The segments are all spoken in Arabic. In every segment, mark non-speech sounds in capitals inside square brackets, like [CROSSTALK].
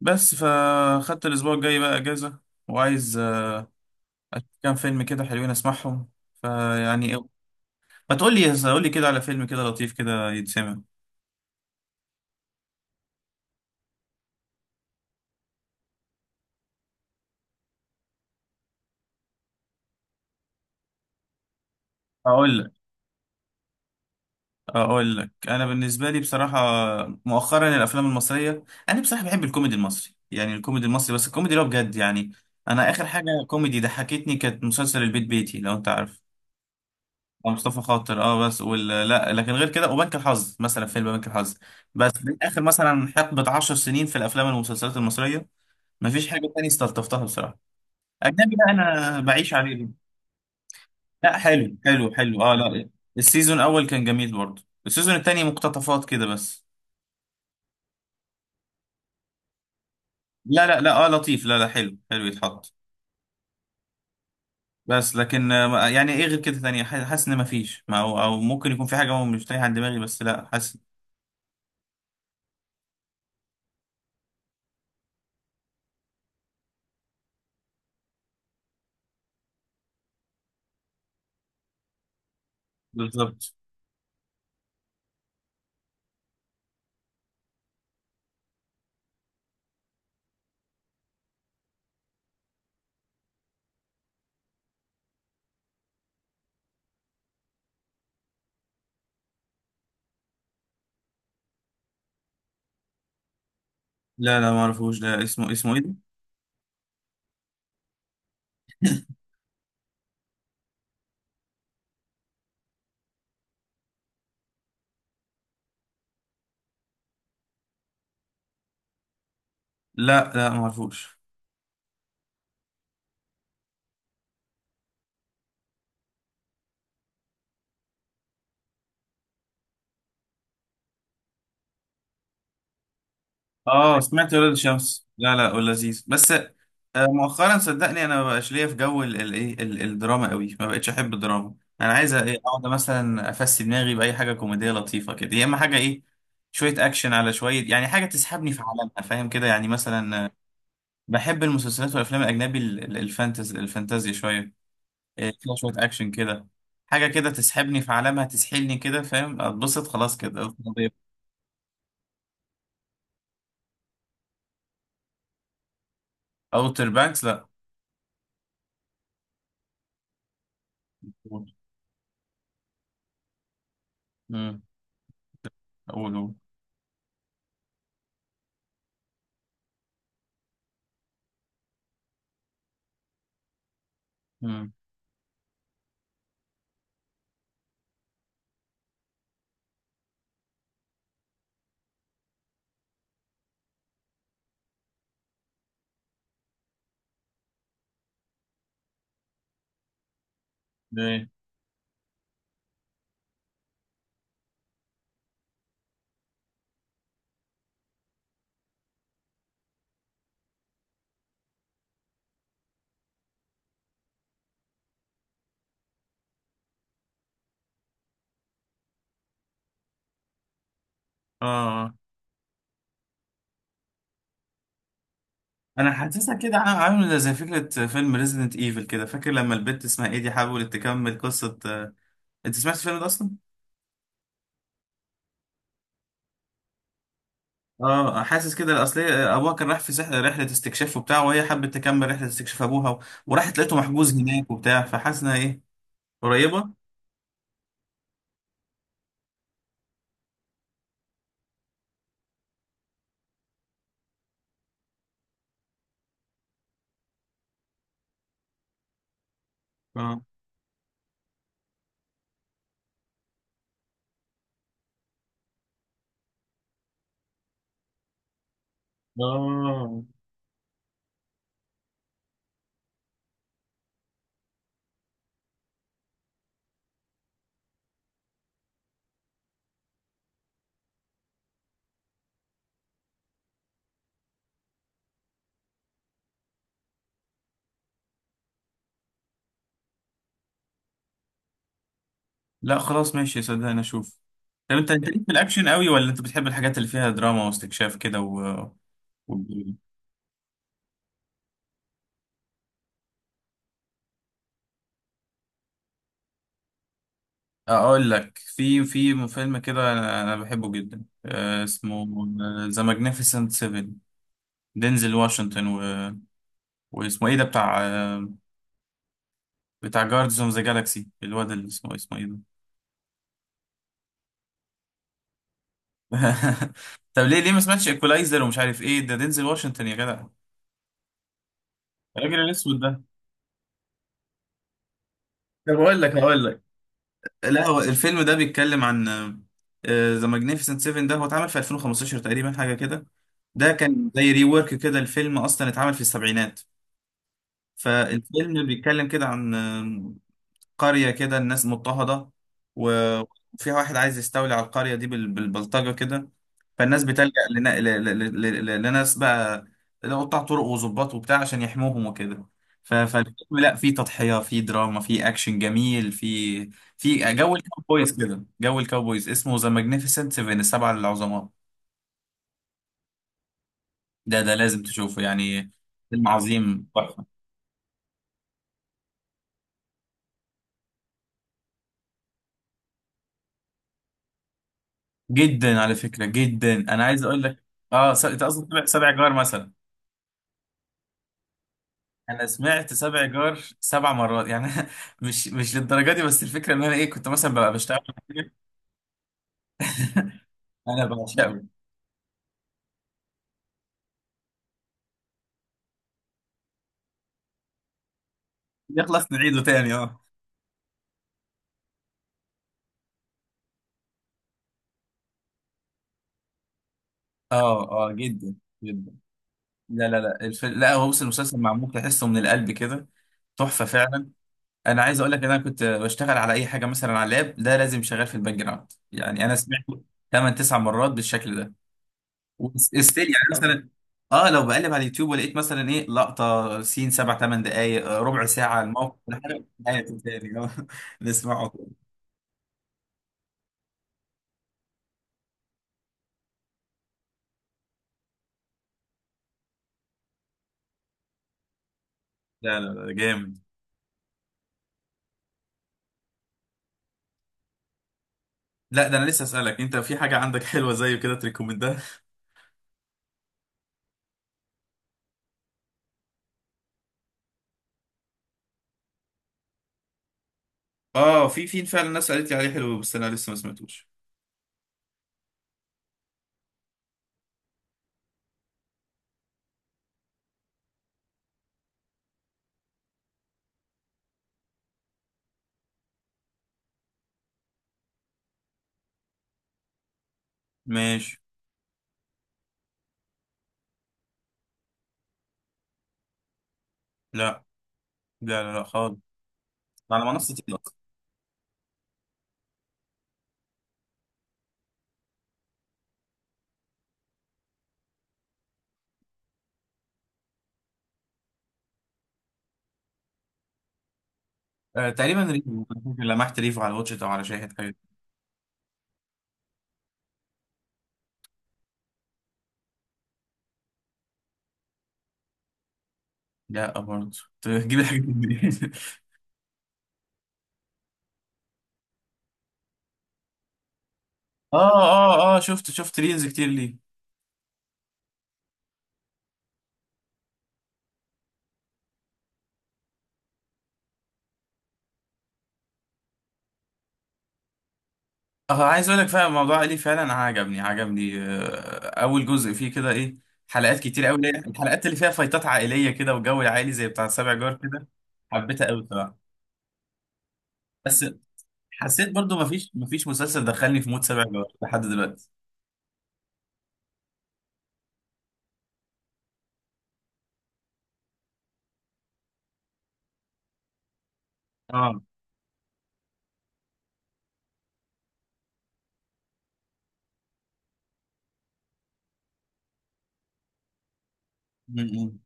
بس فخدت الأسبوع الجاي بقى أجازة وعايز أشوف كام فيلم كده حلوين أسمعهم فيعني ما تقول لي قول لي كده على فيلم كده لطيف كده يتسمع. أقول لك أقول لك أنا بالنسبة لي بصراحة مؤخرا الأفلام المصرية، أنا بصراحة بحب الكوميدي المصري، يعني الكوميدي المصري بس الكوميدي اللي هو بجد يعني. أنا آخر حاجة كوميدي ضحكتني كانت مسلسل البيت بيتي لو أنت عارف. اه مصطفى خاطر اه بس لا لكن غير كده وبنك الحظ، مثلا فيلم بنك الحظ بس. من اخر مثلا حقبه 10 سنين في الافلام والمسلسلات المصريه، مفيش حاجه تانية استلطفتها بصراحه. اجنبي بقى انا بعيش عليه. لا حلو حلو حلو اه، لا السيزون الاول كان جميل، برضه السيزون التاني مقتطفات كده بس. لا لا لا اه لطيف، لا لا حلو حلو يتحط. بس لكن يعني ايه غير كده تانية، حاسس ان مفيش، ما هو او ممكن يكون في حاجه هو مش تايه عن دماغي بس، لا حاسس. بالظبط. لا لا ما اعرفوش ده، اسمه ايه ده؟ لا لا ما اعرفوش. اه سمعت ولاد الشمس، لا لا ولذيذ بس. مؤخرا صدقني انا ما بقاش ليا في جو الدراما قوي، ما بقتش احب الدراما. انا عايز ايه، اقعد مثلا افسي دماغي باي حاجه كوميديه لطيفه كده، يا اما حاجه ايه، شويه اكشن على شويه، يعني حاجه تسحبني في عالمها، فاهم كده يعني مثلا. بحب المسلسلات والافلام الاجنبي، ال- ال- الفانتز الفانتازيا شويه، فيها شويه اكشن كده، حاجه كده تسحبني في عالمها، تسحلني كده، فاهم، اتبسط خلاص كده. اوتر بانكس لا. مم. اقوله. امم. ليه؟ اه آه. انا حاسسها كده عامله زي فكره فيلم ريزيدنت ايفل كده، فاكر لما البت اسمها ايدي حاولت تكمل قصه. انت سمعت الفيلم ده اصلا؟ اه حاسس كده، اصل هي ابوها كان راح في رحله استكشاف وبتاع، وهي حبت تكمل رحله استكشاف ابوها، و... وراحت لقيته محجوز هناك وبتاع، فحاسس انها ايه قريبه. اه اه. لا خلاص ماشي، صدقني اشوف. طب انت انت ليك في الاكشن قوي، ولا انت بتحب الحاجات اللي فيها دراما واستكشاف كده؟ و... و... اقول لك، في فيلم كده انا بحبه جدا اسمه ذا ماجنيفيسنت 7، دينزل واشنطن، و... واسمه ايه ده بتاع بتاع جاردز اوف ذا جالاكسي، الواد اللي اسمه، اسمه ايه ده؟ [LAUGHS] طب ليه ليه ما سمعتش ايكولايزر ومش عارف ايه ده، دينزل واشنطن يا جدع، الراجل الاسود ده. طب اقول لك هقول لك، لا هو الفيلم ده بيتكلم عن ذا ماجنيفيسنت 7. ده هو اتعمل في 2015 تقريبا حاجه كده، ده كان زي ري ورك كده، الفيلم اصلا اتعمل في السبعينات. فالفيلم بيتكلم كده عن قرية كده الناس مضطهدة، و- وفيها واحد عايز يستولي على القرية دي بالبلطجة كده، فالناس بتلجأ ل- لناس بقى قطاع طرق وظباط وبتاع عشان يحموهم وكده. فالفيلم لا فيه تضحية، فيه دراما، فيه أكشن جميل، فيه فيه جو الكاوبويز كده، جو الكاوبويز، اسمه ذا ماجنيفيسنت سيفن، السبعة العظماء. ده لازم تشوفه يعني، فيلم عظيم، جدا على فكرة جدا. انا عايز اقول لك اه انت قصدك سبع جار مثلا. انا سمعت سبع جار سبع مرات يعني. [LAUGHS] مش للدرجة دي، بس الفكرة ان انا ايه، كنت مثلا ببقى بشتغل. [LAUGHS] انا بعشقه، يخلص نعيده تاني اه. اه اه جدا جدا. لا لا لا لا هو بص المسلسل معمول تحسه من القلب كده، تحفة فعلا. انا عايز اقول لك ان انا كنت بشتغل على اي حاجة مثلا على اللاب، ده لازم شغال في الباك جراوند، يعني انا سمعته 8 9 مرات بالشكل ده، وستيل يعني مثلا اه، لو بقلب على اليوتيوب ولقيت مثلا ايه لقطه سين سبع ثمان دقائق، ربع ساعه، الموقف الحلقه تاني. [LAUGHS] نسمعه. لا لا لا جامد. لا ده انا لسه اسالك، انت في حاجه عندك [LAUGHS] حلوه زيه كده تريكومندها؟ اه في فعلا ناس قالت لي عليه حلو، بس انا لسه ما سمعتوش. ماشي. لا لا لا, لا خالص. على منصه ايه اصلا؟ آه تقريبا ريفو، ممكن لمحت ريفو على واتشت او على شاهد حاجه. لا برضه [LAUGHS] تجيب الحاجات دي. [LAUGHS] اه اه اه شفت شفت ريلز كتير ليه. اه عايز اقول لك فعلا الموضوع ليه فعلا عجبني اول جزء فيه كده ايه، حلقات كتير قوي الحلقات اللي فيها فايتات عائليه كده، وجو العائلي زي بتاع سابع جار كده، حبيتها قوي طبعا. بس حسيت برضو مفيش، مسلسل دخلني في مود سابع جار لحد دلوقتي. اه. م- م.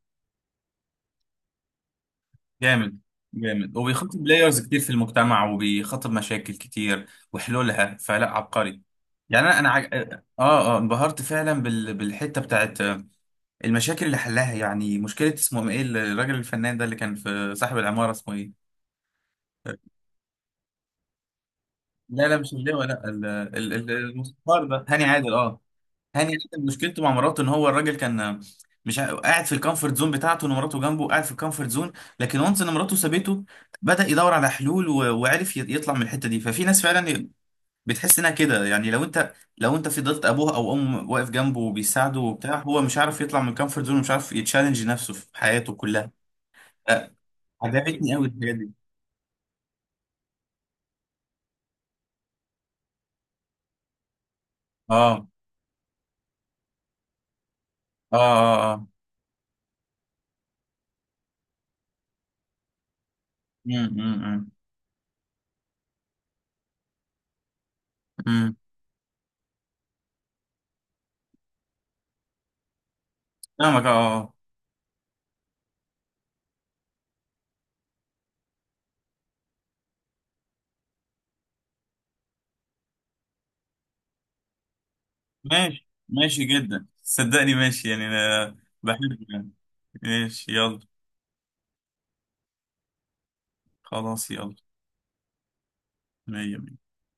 جامد جامد، وبيخاطب بلايرز كتير في المجتمع، وبيخاطب مشاكل كتير وحلولها، فلا عبقري يعني. انا انا عج... اه اه انبهرت فعلا بالحته بتاعت المشاكل اللي حلها، يعني مشكلة اسمه ايه الراجل الفنان ده اللي كان في صاحب العمارة، اسمه ايه؟ لا لا مش اللواء، لا الموسيقار ده، هاني عادل اه. هاني عادل مشكلته مع مراته ان هو الراجل كان مش ع- قاعد في الكومفورت زون بتاعته، ان مراته جنبه قاعد في الكومفورت زون، لكن وانس ان مراته سابته، بدأ يدور على حلول وعرف يطلع من الحتة دي. ففي ناس فعلا بتحس انها كده، يعني لو انت لو انت فضلت ابوه او امه واقف جنبه وبيساعده وبتاع، هو مش عارف يطلع من الكومفورت زون ومش عارف يتشالنج نفسه في حياته كلها. عجبتني قوي الحاجات دي. اه اه اه اه. امم امم امم. فاهمك اه آه. ماشي ماشي جدا صدقني ماشي، يعني انا بحب يعني. ماشي يلا. خلاص يلا. مية مية.